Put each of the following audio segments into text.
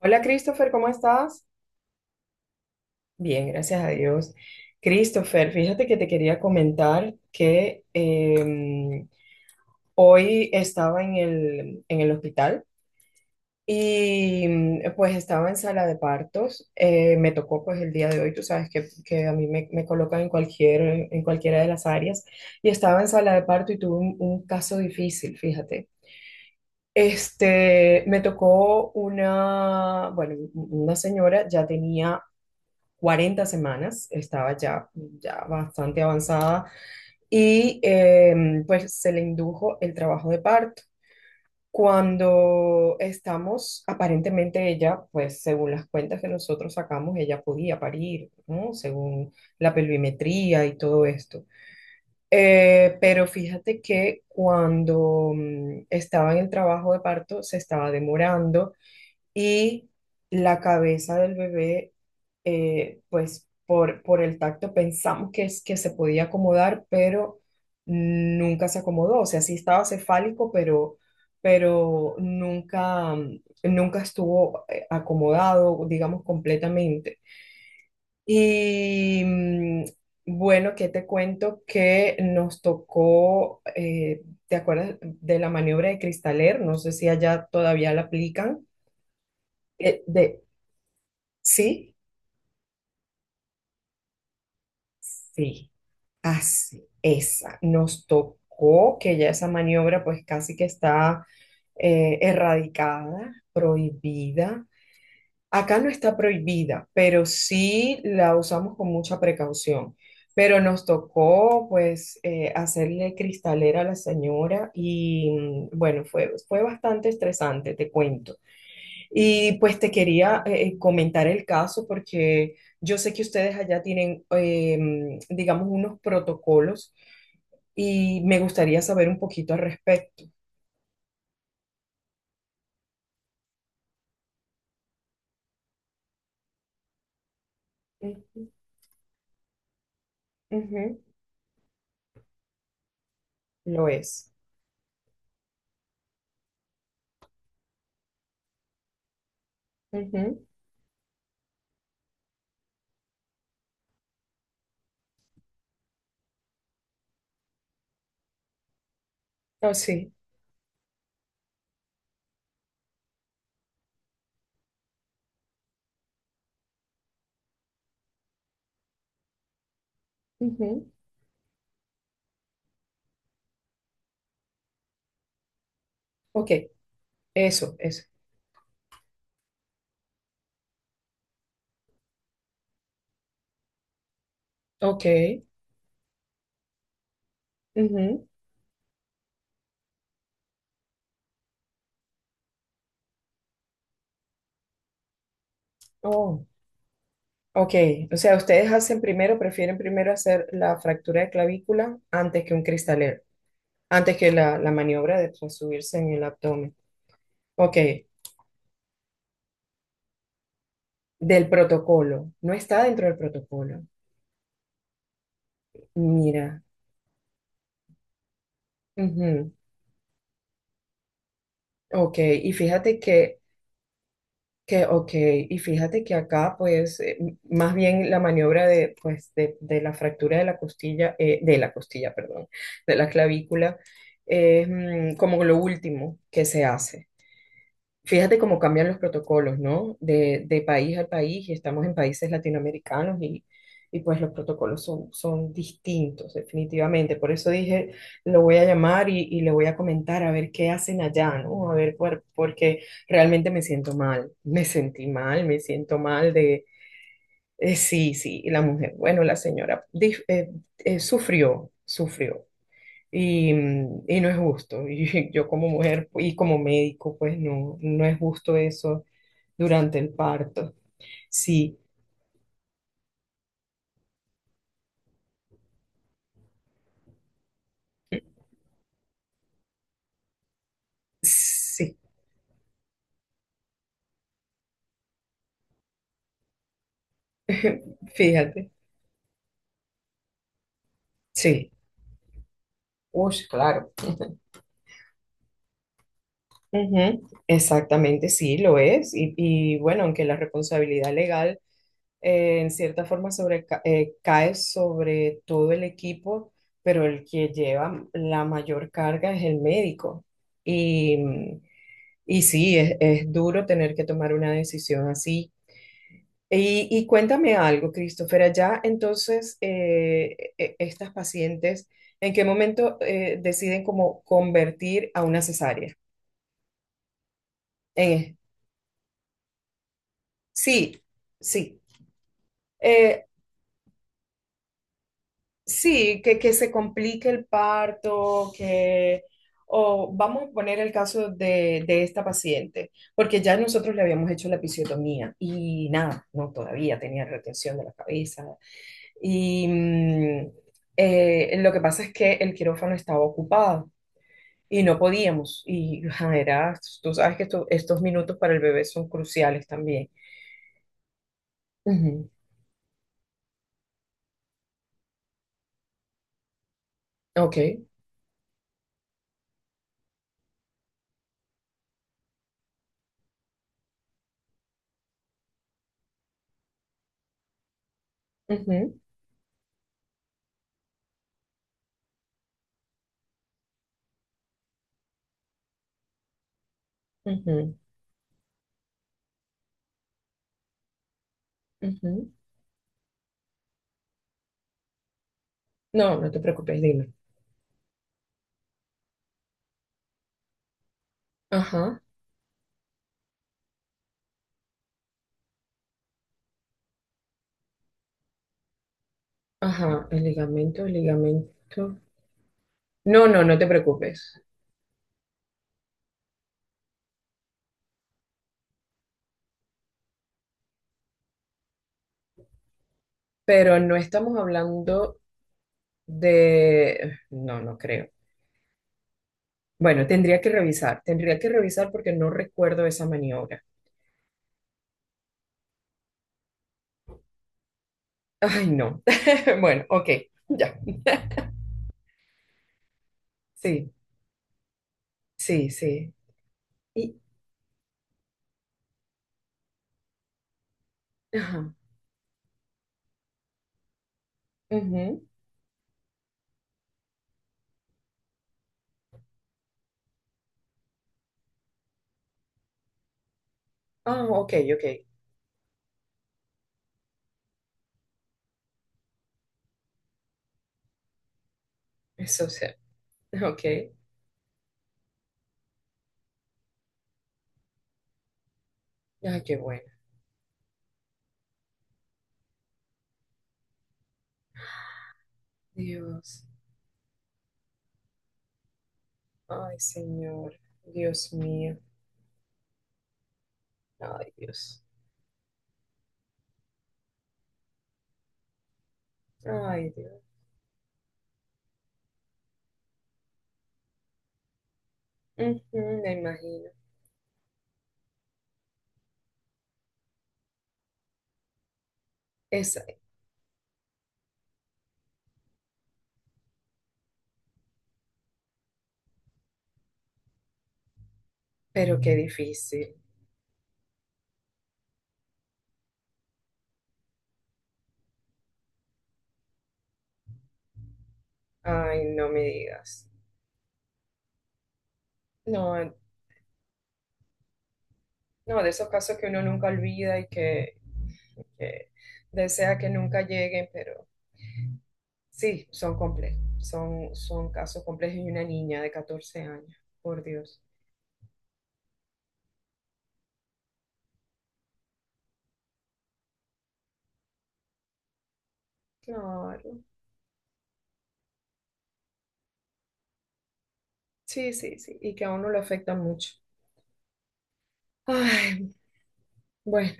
Hola Christopher, ¿cómo estás? Bien, gracias a Dios. Christopher, fíjate que te quería comentar que hoy estaba en el hospital y pues estaba en sala de partos. Me tocó pues el día de hoy, tú sabes que a mí me colocan en cualquiera de las áreas y estaba en sala de parto y tuve un caso difícil, fíjate. Me tocó una, bueno, una señora ya tenía 40 semanas, estaba ya, ya bastante avanzada y pues se le indujo el trabajo de parto. Cuando estamos, aparentemente ella, pues según las cuentas que nosotros sacamos, ella podía parir, ¿no? Según la pelvimetría y todo esto. Pero fíjate que cuando estaba en el trabajo de parto se estaba demorando y la cabeza del bebé, pues por el tacto pensamos que se podía acomodar, pero nunca se acomodó. O sea, sí estaba cefálico, pero nunca estuvo acomodado, digamos, completamente. Y bueno, ¿qué te cuento? Que nos tocó, ¿te acuerdas de la maniobra de Cristaler? No sé si allá todavía la aplican eh, de, Sí, Sí, así, esa. Nos tocó que ya esa maniobra pues casi que está erradicada, prohibida. Acá no está prohibida, pero sí la usamos con mucha precaución. Pero nos tocó pues hacerle cristalera a la señora y bueno, fue bastante estresante, te cuento. Y pues te quería comentar el caso porque yo sé que ustedes allá tienen, digamos, unos protocolos y me gustaría saber un poquito al respecto. Ujú, ujú. Lo es. Ujú. Oh, sí. Ujú. Ok, eso, eso. Ok. Ujú. Oh, ok. O sea, ustedes hacen primero, prefieren primero hacer la fractura de clavícula antes que un cristalero, antes que la maniobra de subirse en el abdomen. Ok, del protocolo, no está dentro del protocolo. Mira, ujú, ok, y fíjate que, ok, y fíjate que acá, pues, más bien la maniobra de, pues, de la fractura de la costilla, perdón, de la clavícula, es como lo último que se hace. Fíjate cómo cambian los protocolos, ¿no? De país a país, y estamos en países latinoamericanos y pues los protocolos son, son distintos, definitivamente. Por eso dije, lo voy a llamar y le voy a comentar a ver qué hacen allá, ¿no? A ver, porque realmente me siento mal, me sentí mal, me siento mal de, sí, sí, y la mujer, bueno, la señora sufrió, sufrió. Y no es justo. Y yo como mujer y como médico, pues no, no es justo eso durante el parto. Sí, sí, fíjate, sí. Uy, claro. Ujú, exactamente, sí, lo es. Y, bueno, aunque la responsabilidad legal en cierta forma sobre, cae sobre todo el equipo, pero el que lleva la mayor carga es el médico. Y, y sí, es duro tener que tomar una decisión así. Y cuéntame algo, Christopher, allá entonces estas pacientes, ¿en qué momento deciden como convertir a una cesárea? En- sí, sí, eh, sí, que se complique el parto, que, o vamos a poner el caso de esta paciente, porque ya nosotros le habíamos hecho la episiotomía y nada, no, todavía tenía retención de la cabeza. Y lo que pasa es que el quirófano estaba ocupado y no podíamos. Y ajá, era, tú sabes que estos minutos para el bebé son cruciales también. Ujú, ok. Ujú, ujú, ujú. No, no te preocupes, dime. Ajá, ajá, el ligamento, el ligamento. No, no, no te preocupes. Pero no estamos hablando de... No, no creo. Bueno, tendría que revisar porque no recuerdo esa maniobra. Ay, no. Bueno, ok, ya. Sí, sí, sí. Y, ajá, ujú. Ah, ok, ok. Eso sea, ok. Ay, qué bueno. Dios. Ay, Señor. Dios mío. Ay, Dios. Ay, Dios. Ujú, me imagino. Esa- pero qué difícil. Ay, no me digas. No, no, de esos casos que uno nunca olvida y que desea que nunca lleguen, pero sí, son complejos, son, son casos complejos y una niña de 14 años, por Dios. Claro, sí, sí, sí, y que a uno le afecta mucho. Ay, bueno,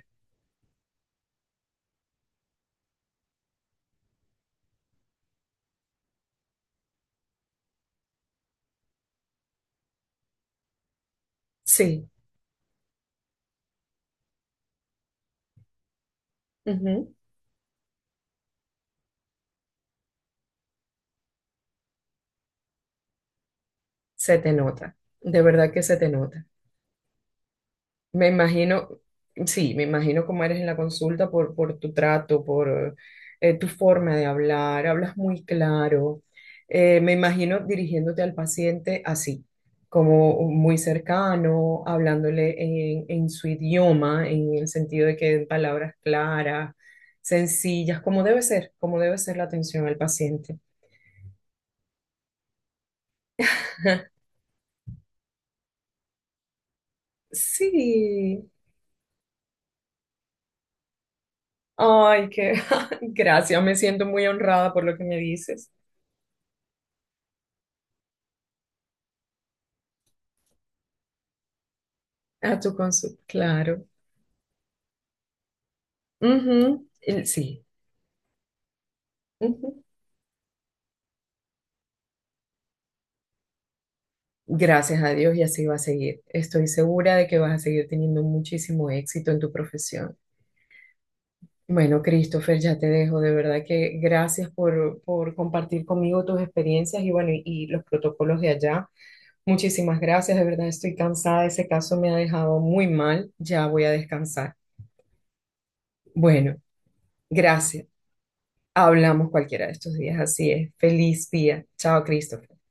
sí, ujú. Se te nota, de verdad que se te nota. Me imagino, sí, me imagino cómo eres en la consulta por tu trato, por tu forma de hablar, hablas muy claro. Me imagino dirigiéndote al paciente así, como muy cercano, hablándole en su idioma, en el sentido de que en palabras claras, sencillas, como debe ser la atención al paciente. Sí, ay, qué gracias, me siento muy honrada por lo que me dices. A tu consulta claro. Ujú, sí, ujú. Gracias a Dios y así va a seguir. Estoy segura de que vas a seguir teniendo muchísimo éxito en tu profesión. Bueno, Christopher, ya te dejo. De verdad que gracias por compartir conmigo tus experiencias y bueno, y los protocolos de allá. Muchísimas gracias. De verdad estoy cansada. Ese caso me ha dejado muy mal. Ya voy a descansar. Bueno, gracias. Hablamos cualquiera de estos días. Así es. Feliz día. Chao, Christopher.